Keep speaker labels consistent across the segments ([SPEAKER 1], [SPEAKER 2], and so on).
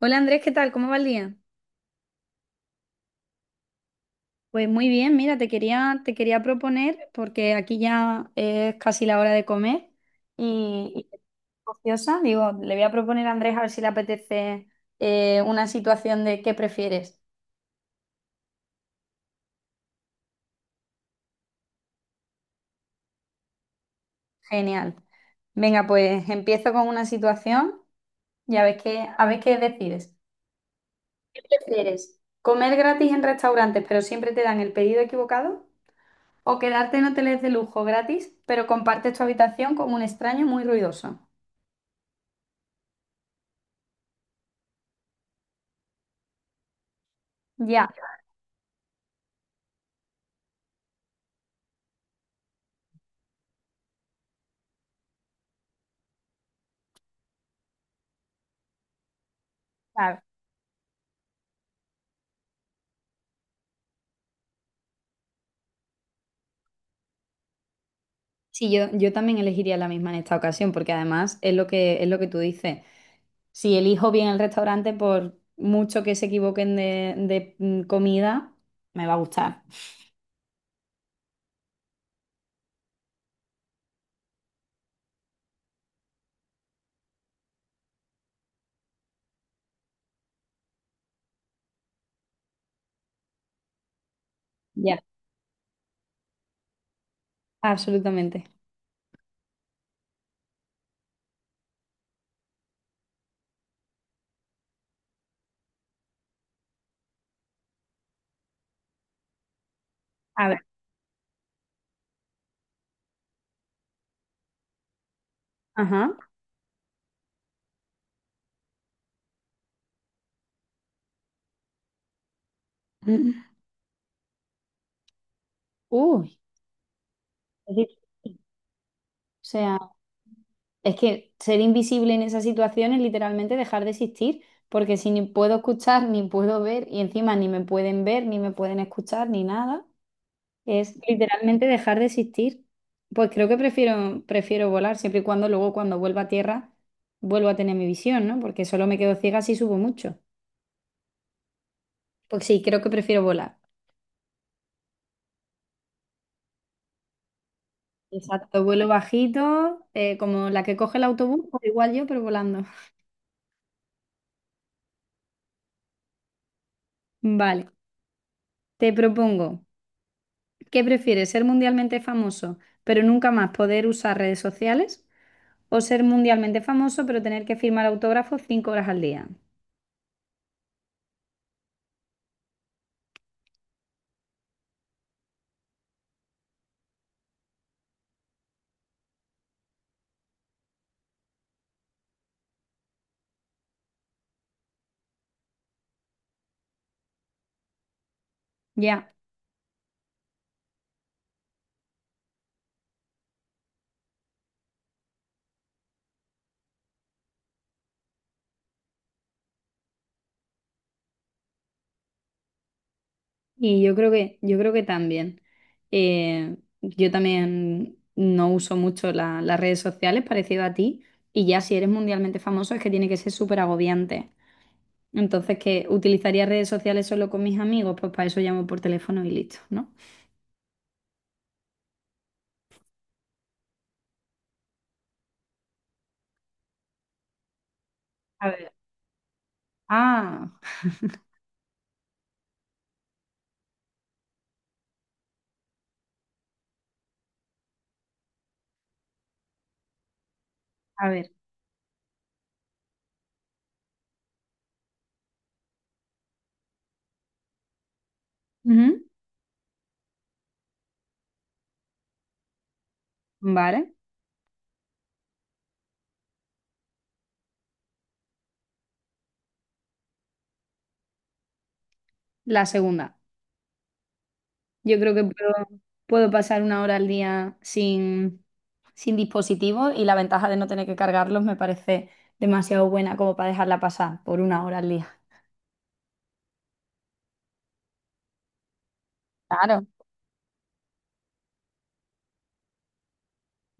[SPEAKER 1] Hola Andrés, ¿qué tal? ¿Cómo va el día? Pues muy bien, mira, te quería proponer, porque aquí ya es casi la hora de comer y ociosa, digo, le voy a proponer a Andrés a ver si le apetece una situación de ¿qué prefieres? Genial. Venga, pues empiezo con una situación y a ver qué decides. ¿Qué ¿Prefieres comer gratis en restaurantes pero siempre te dan el pedido equivocado? ¿O quedarte en hoteles de lujo gratis pero compartes tu habitación con un extraño muy ruidoso? Ya. Claro. Sí, yo también elegiría la misma en esta ocasión, porque además es lo que tú dices. Si elijo bien el restaurante, por mucho que se equivoquen de comida, me va a gustar. Ya, absolutamente. A ver, ajá. Uy, es difícil. O sea, es que ser invisible en esas situaciones es literalmente dejar de existir, porque si ni puedo escuchar, ni puedo ver, y encima ni me pueden ver, ni me pueden escuchar, ni nada. Es literalmente dejar de existir. Pues creo que prefiero volar, siempre y cuando luego cuando vuelva a tierra vuelvo a tener mi visión, ¿no? Porque solo me quedo ciega si subo mucho. Pues sí, creo que prefiero volar. Exacto, vuelo bajito, como la que coge el autobús, pues igual yo, pero volando. Vale, te propongo, ¿qué prefieres? ¿Ser mundialmente famoso, pero nunca más poder usar redes sociales? ¿O ser mundialmente famoso, pero tener que firmar autógrafos 5 horas al día? Ya. Y yo creo que también. Eh, yo también no uso mucho las redes sociales, parecido a ti, y ya si eres mundialmente famoso es que tiene que ser súper agobiante. Entonces, que utilizaría redes sociales solo con mis amigos, pues para eso llamo por teléfono y listo, ¿no? A ver. Ah, a ver. Ujú. Vale. La segunda. Yo creo que puedo, puedo pasar una hora al día sin, sin dispositivos y la ventaja de no tener que cargarlos me parece demasiado buena como para dejarla pasar por una hora al día. Claro.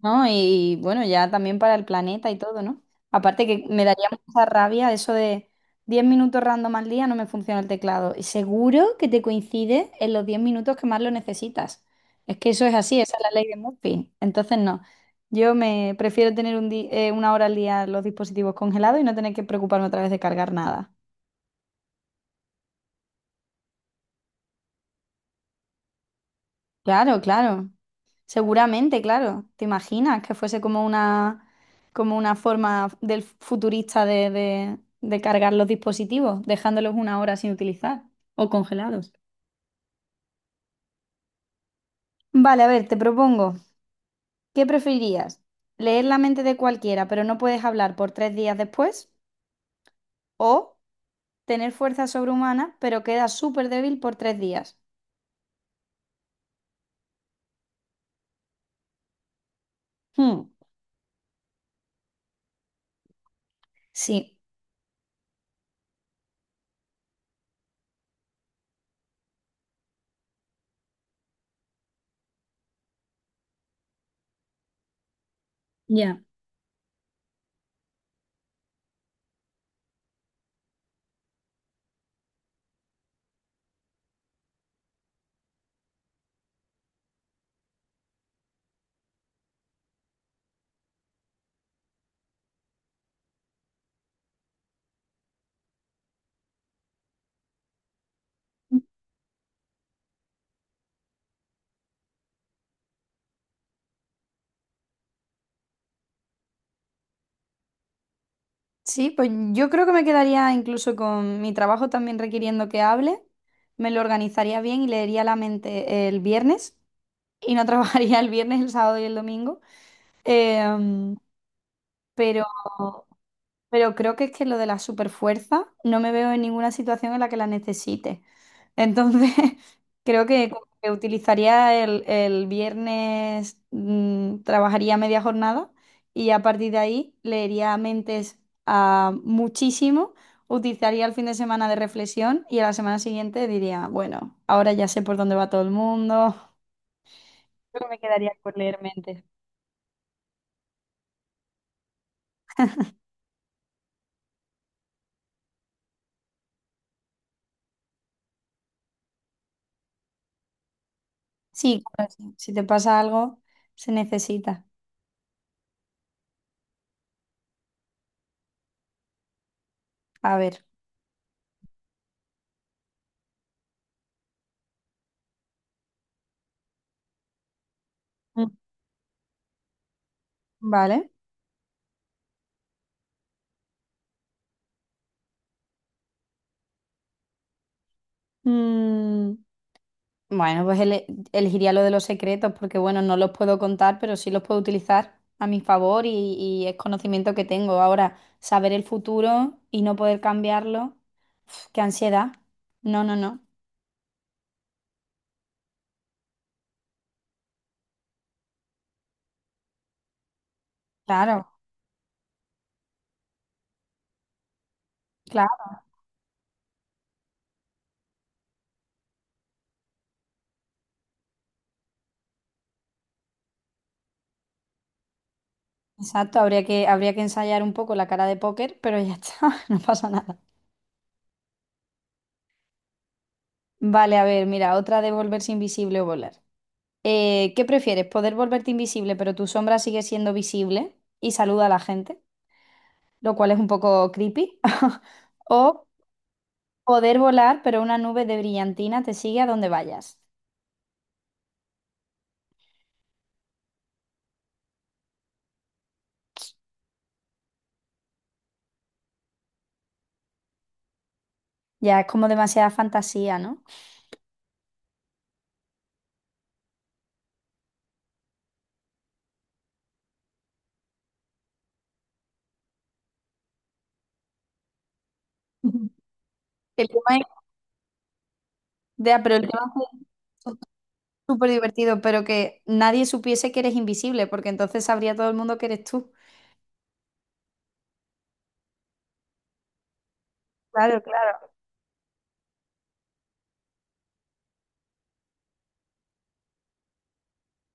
[SPEAKER 1] ¿No? Y, bueno, ya también para el planeta y todo, ¿no? Aparte que me daría mucha rabia eso de 10 minutos random al día no me funciona el teclado. Y seguro que te coincide en los 10 minutos que más lo necesitas. Es que eso es así, esa es la ley de Murphy. Entonces, no. Yo me prefiero tener una hora al día los dispositivos congelados y no tener que preocuparme otra vez de cargar nada. Claro, claro. Seguramente, claro. ¿Te imaginas que fuese como una forma del futurista de cargar los dispositivos, dejándolos una hora sin utilizar o congelados? Vale, a ver, te propongo, ¿qué preferirías? ¿Leer la mente de cualquiera, pero no puedes hablar por 3 días después? ¿O tener fuerza sobrehumana, pero quedas súper débil por 3 días? Hmm, Sí. Ya. Sí, pues yo creo que me quedaría incluso con mi trabajo también requiriendo que hable, me lo organizaría bien y leería la mente el viernes y no trabajaría el viernes, el sábado y el domingo. Em, pero creo que es que lo de la superfuerza no me veo en ninguna situación en la que la necesite. Entonces, creo que, como que utilizaría el viernes, trabajaría media jornada y a partir de ahí leería mentes a muchísimo, utilizaría el fin de semana de reflexión y a la semana siguiente diría, bueno, ahora ya sé por dónde va todo el mundo. Creo que me quedaría por leer mentes. Sí, claro, sí. Si te pasa algo, se necesita. A ver. Mm. Vale. Mm, bueno, pues elegiría lo de los secretos porque, bueno, no los puedo contar, pero sí los puedo utilizar a mi favor y es conocimiento que tengo. Ahora, saber el futuro y no poder cambiarlo, uf, qué ansiedad. No, no, no. Claro, claro, exacto. Habría que ensayar un poco la cara de póker, pero ya está, no pasa nada. Vale, a ver, mira, otra de volverse invisible o volar. ¿Qué prefieres? ¿Poder volverte invisible, pero tu sombra sigue siendo visible y saluda a la gente? Lo cual es un poco creepy. O poder volar, pero una nube de brillantina te sigue a donde vayas. Ya es como demasiada fantasía, ¿no? Ujú. El tema es, ya, pero el tema es súper divertido, pero que nadie supiese que eres invisible, porque entonces sabría todo el mundo que eres tú. Claro, claro.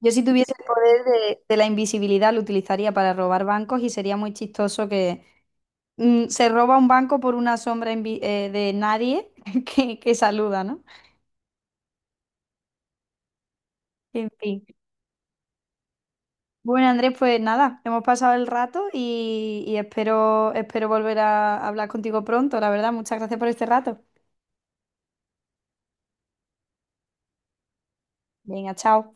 [SPEAKER 1] Yo si tuviese el poder de la invisibilidad lo utilizaría para robar bancos y sería muy chistoso que se roba un banco por una sombra de nadie que saluda, ¿no? En fin. Bueno, Andrés, pues nada, hemos pasado el rato y espero volver a hablar contigo pronto, la verdad. Muchas gracias por este rato. Venga, chao.